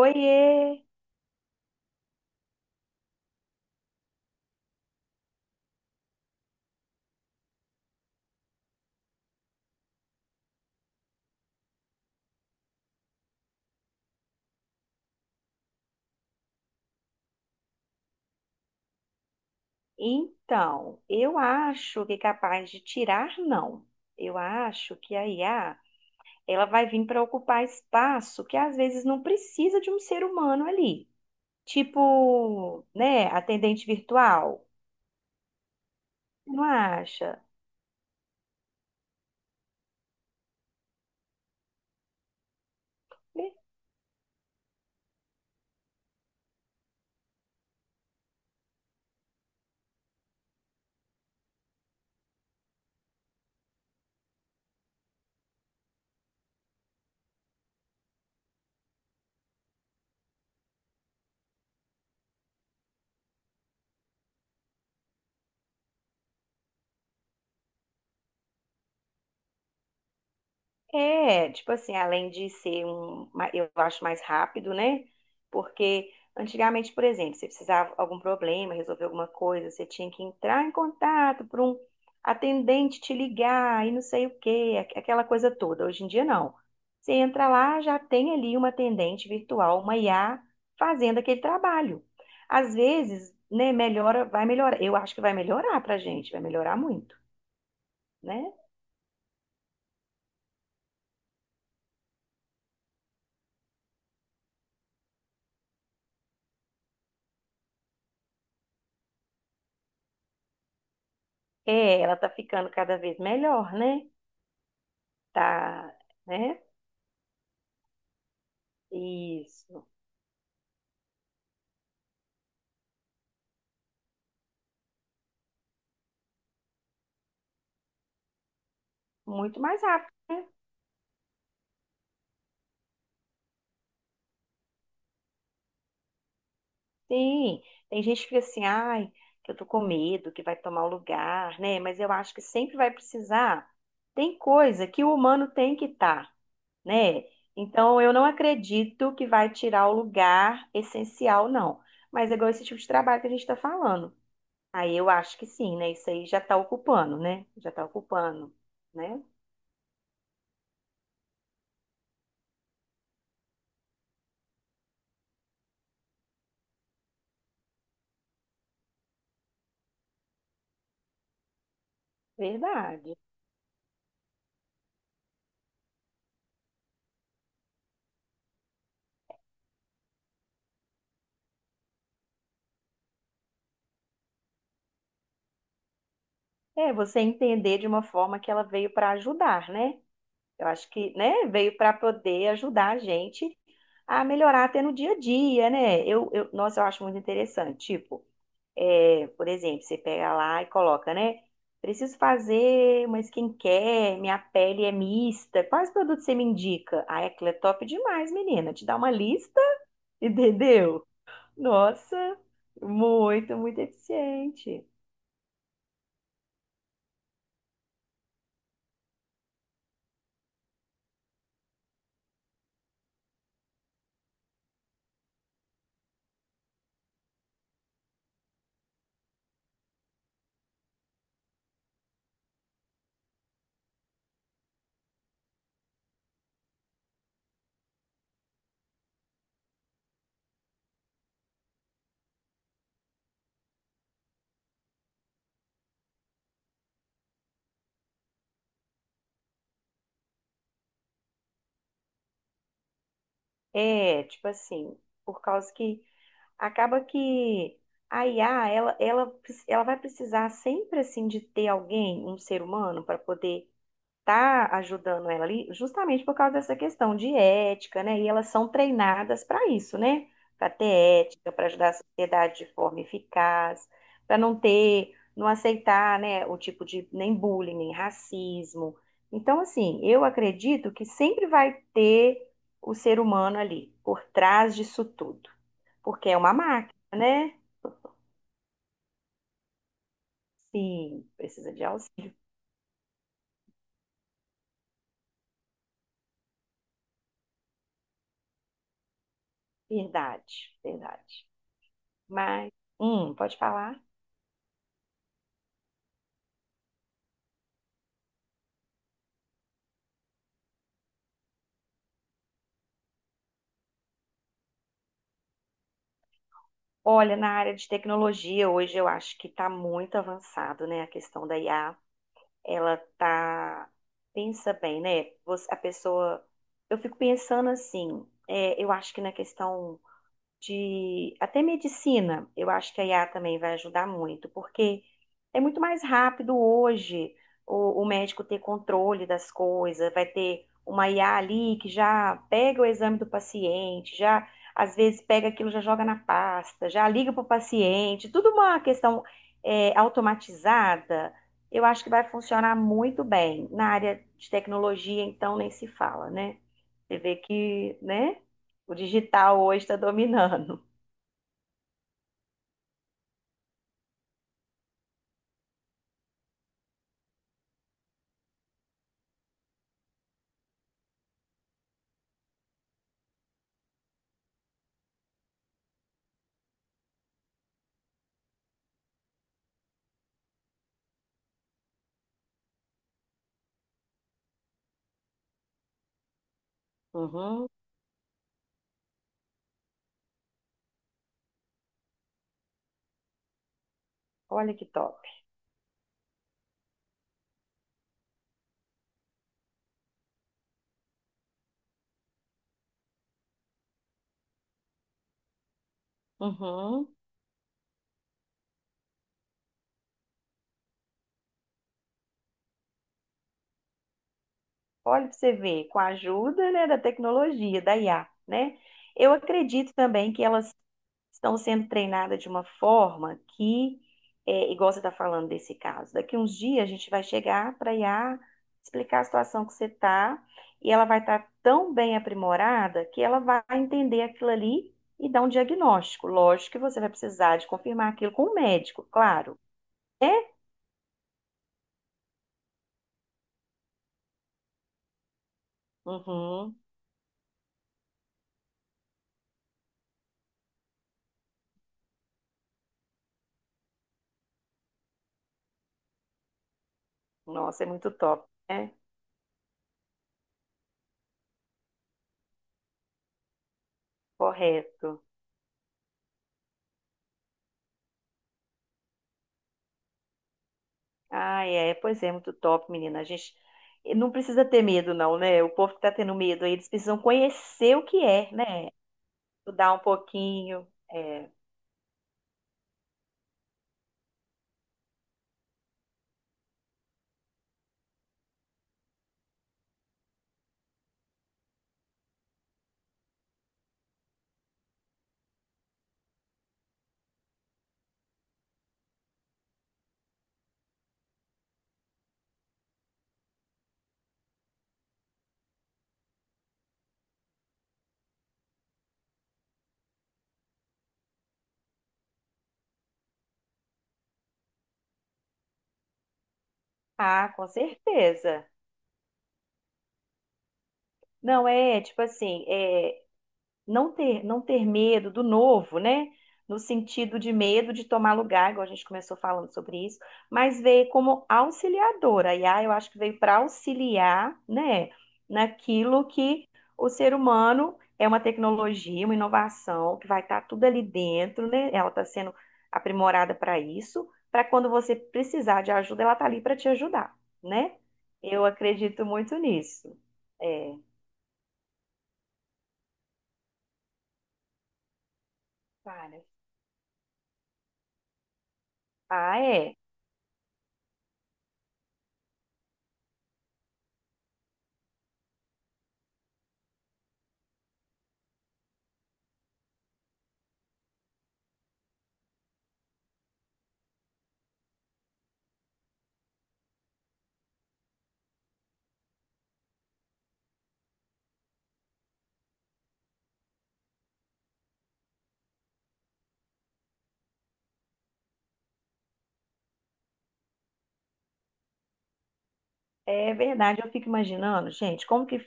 Oiê! Então, eu acho que é capaz de tirar, não. Eu acho que a IA, ela vai vir para ocupar espaço que às vezes não precisa de um ser humano ali. Tipo, né, atendente virtual. Não acha? É, tipo assim, além de ser um, eu acho mais rápido, né? Porque antigamente, por exemplo, você precisava de algum problema, resolver alguma coisa, você tinha que entrar em contato para um atendente te ligar e não sei o quê, aquela coisa toda. Hoje em dia não. Você entra lá, já tem ali uma atendente virtual, uma IA, fazendo aquele trabalho. Às vezes, né, melhora, vai melhorar. Eu acho que vai melhorar pra gente, vai melhorar muito, né? É, ela tá ficando cada vez melhor, né? Tá, né? Isso. Muito mais rápido, né? Sim. Tem gente que fica assim, ai, que eu tô com medo, que vai tomar o lugar, né? Mas eu acho que sempre vai precisar. Tem coisa que o humano tem que estar, né? Então, eu não acredito que vai tirar o lugar essencial, não. Mas é igual esse tipo de trabalho que a gente está falando. Aí eu acho que sim, né? Isso aí já está ocupando, né? Já está ocupando, né? Verdade. É, você entender de uma forma que ela veio para ajudar, né? Eu acho que, né, veio para poder ajudar a gente a melhorar até no dia a dia, né? Nossa, eu acho muito interessante. Tipo, por exemplo, você pega lá e coloca, né? Preciso fazer uma skincare, minha pele é mista. Quais produtos você me indica? Ah, é top demais, menina. Te dá uma lista, entendeu? Nossa, muito, muito eficiente. É, tipo assim, por causa que acaba que a IA, ela vai precisar sempre, assim, de ter alguém, um ser humano, para poder estar ajudando ela ali, justamente por causa dessa questão de ética, né? E elas são treinadas para isso, né? Para ter ética, para ajudar a sociedade de forma eficaz, para não ter, não aceitar, né, o tipo de nem bullying, nem racismo. Então, assim, eu acredito que sempre vai ter o ser humano ali, por trás disso tudo. Porque é uma máquina, né? Sim, precisa de auxílio. Verdade, verdade. Mas, pode falar? Olha, na área de tecnologia, hoje eu acho que está muito avançado, né? A questão da IA, ela tá. Pensa bem, né? Você- a pessoa. Eu fico pensando assim, é, eu acho que na questão de até medicina, eu acho que a IA também vai ajudar muito, porque é muito mais rápido hoje o médico ter controle das coisas, vai ter uma IA ali que já pega o exame do paciente, já às vezes pega aquilo, já joga na pasta, já liga para o paciente, tudo uma questão automatizada. Eu acho que vai funcionar muito bem. Na área de tecnologia, então, nem se fala, né? Você vê que, né? O digital hoje está dominando. Uhum. Olha que top. Uhum. Olha para você ver, com a ajuda, né, da tecnologia, da IA, né? Eu acredito também que elas estão sendo treinadas de uma forma que, é, igual você está falando desse caso, daqui uns dias a gente vai chegar para a IA explicar a situação que você está e ela vai estar tão bem aprimorada que ela vai entender aquilo ali e dar um diagnóstico. Lógico que você vai precisar de confirmar aquilo com o médico, claro. Né? Uhum. Nossa, é muito top, né? Correto. Ah, é, pois é, muito top, menina. A gente não precisa ter medo, não, né? O povo que tá tendo medo aí, eles precisam conhecer o que é, né? Estudar um pouquinho. É. Ah, com certeza. Não, é tipo assim, é, não ter medo do novo, né? No sentido de medo de tomar lugar, igual a gente começou falando sobre isso, mas veio como auxiliadora. A IA, eu acho que veio para auxiliar, né, naquilo que o ser humano é uma tecnologia, uma inovação, que vai estar tudo ali dentro, né? Ela está sendo aprimorada para isso, para quando você precisar de ajuda, ela está ali para te ajudar, né? Eu acredito muito nisso. É, para. Ah, é. É verdade, eu fico imaginando, gente, como que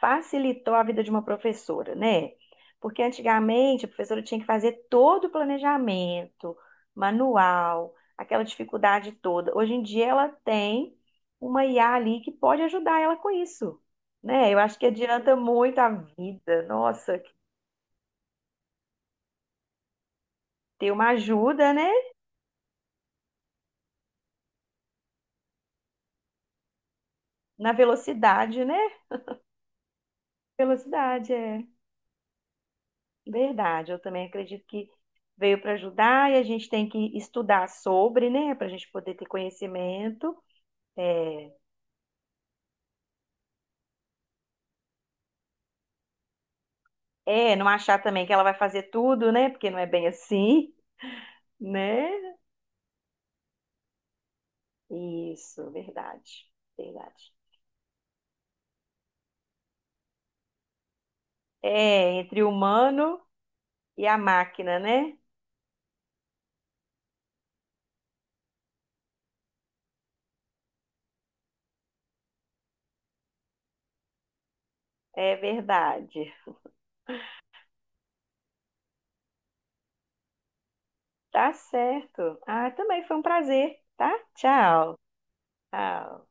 facilitou a vida de uma professora, né? Porque antigamente a professora tinha que fazer todo o planejamento, manual, aquela dificuldade toda. Hoje em dia ela tem uma IA ali que pode ajudar ela com isso, né? Eu acho que adianta muito a vida. Nossa, ter uma ajuda, né? Na velocidade, né? Velocidade, é. Verdade, eu também acredito que veio para ajudar e a gente tem que estudar sobre, né, para a gente poder ter conhecimento. É, não achar também que ela vai fazer tudo, né, porque não é bem assim, né? Isso, verdade, verdade. É, entre o humano e a máquina, né? É verdade. Tá certo. Ah, também foi um prazer, tá? Tchau. Tchau.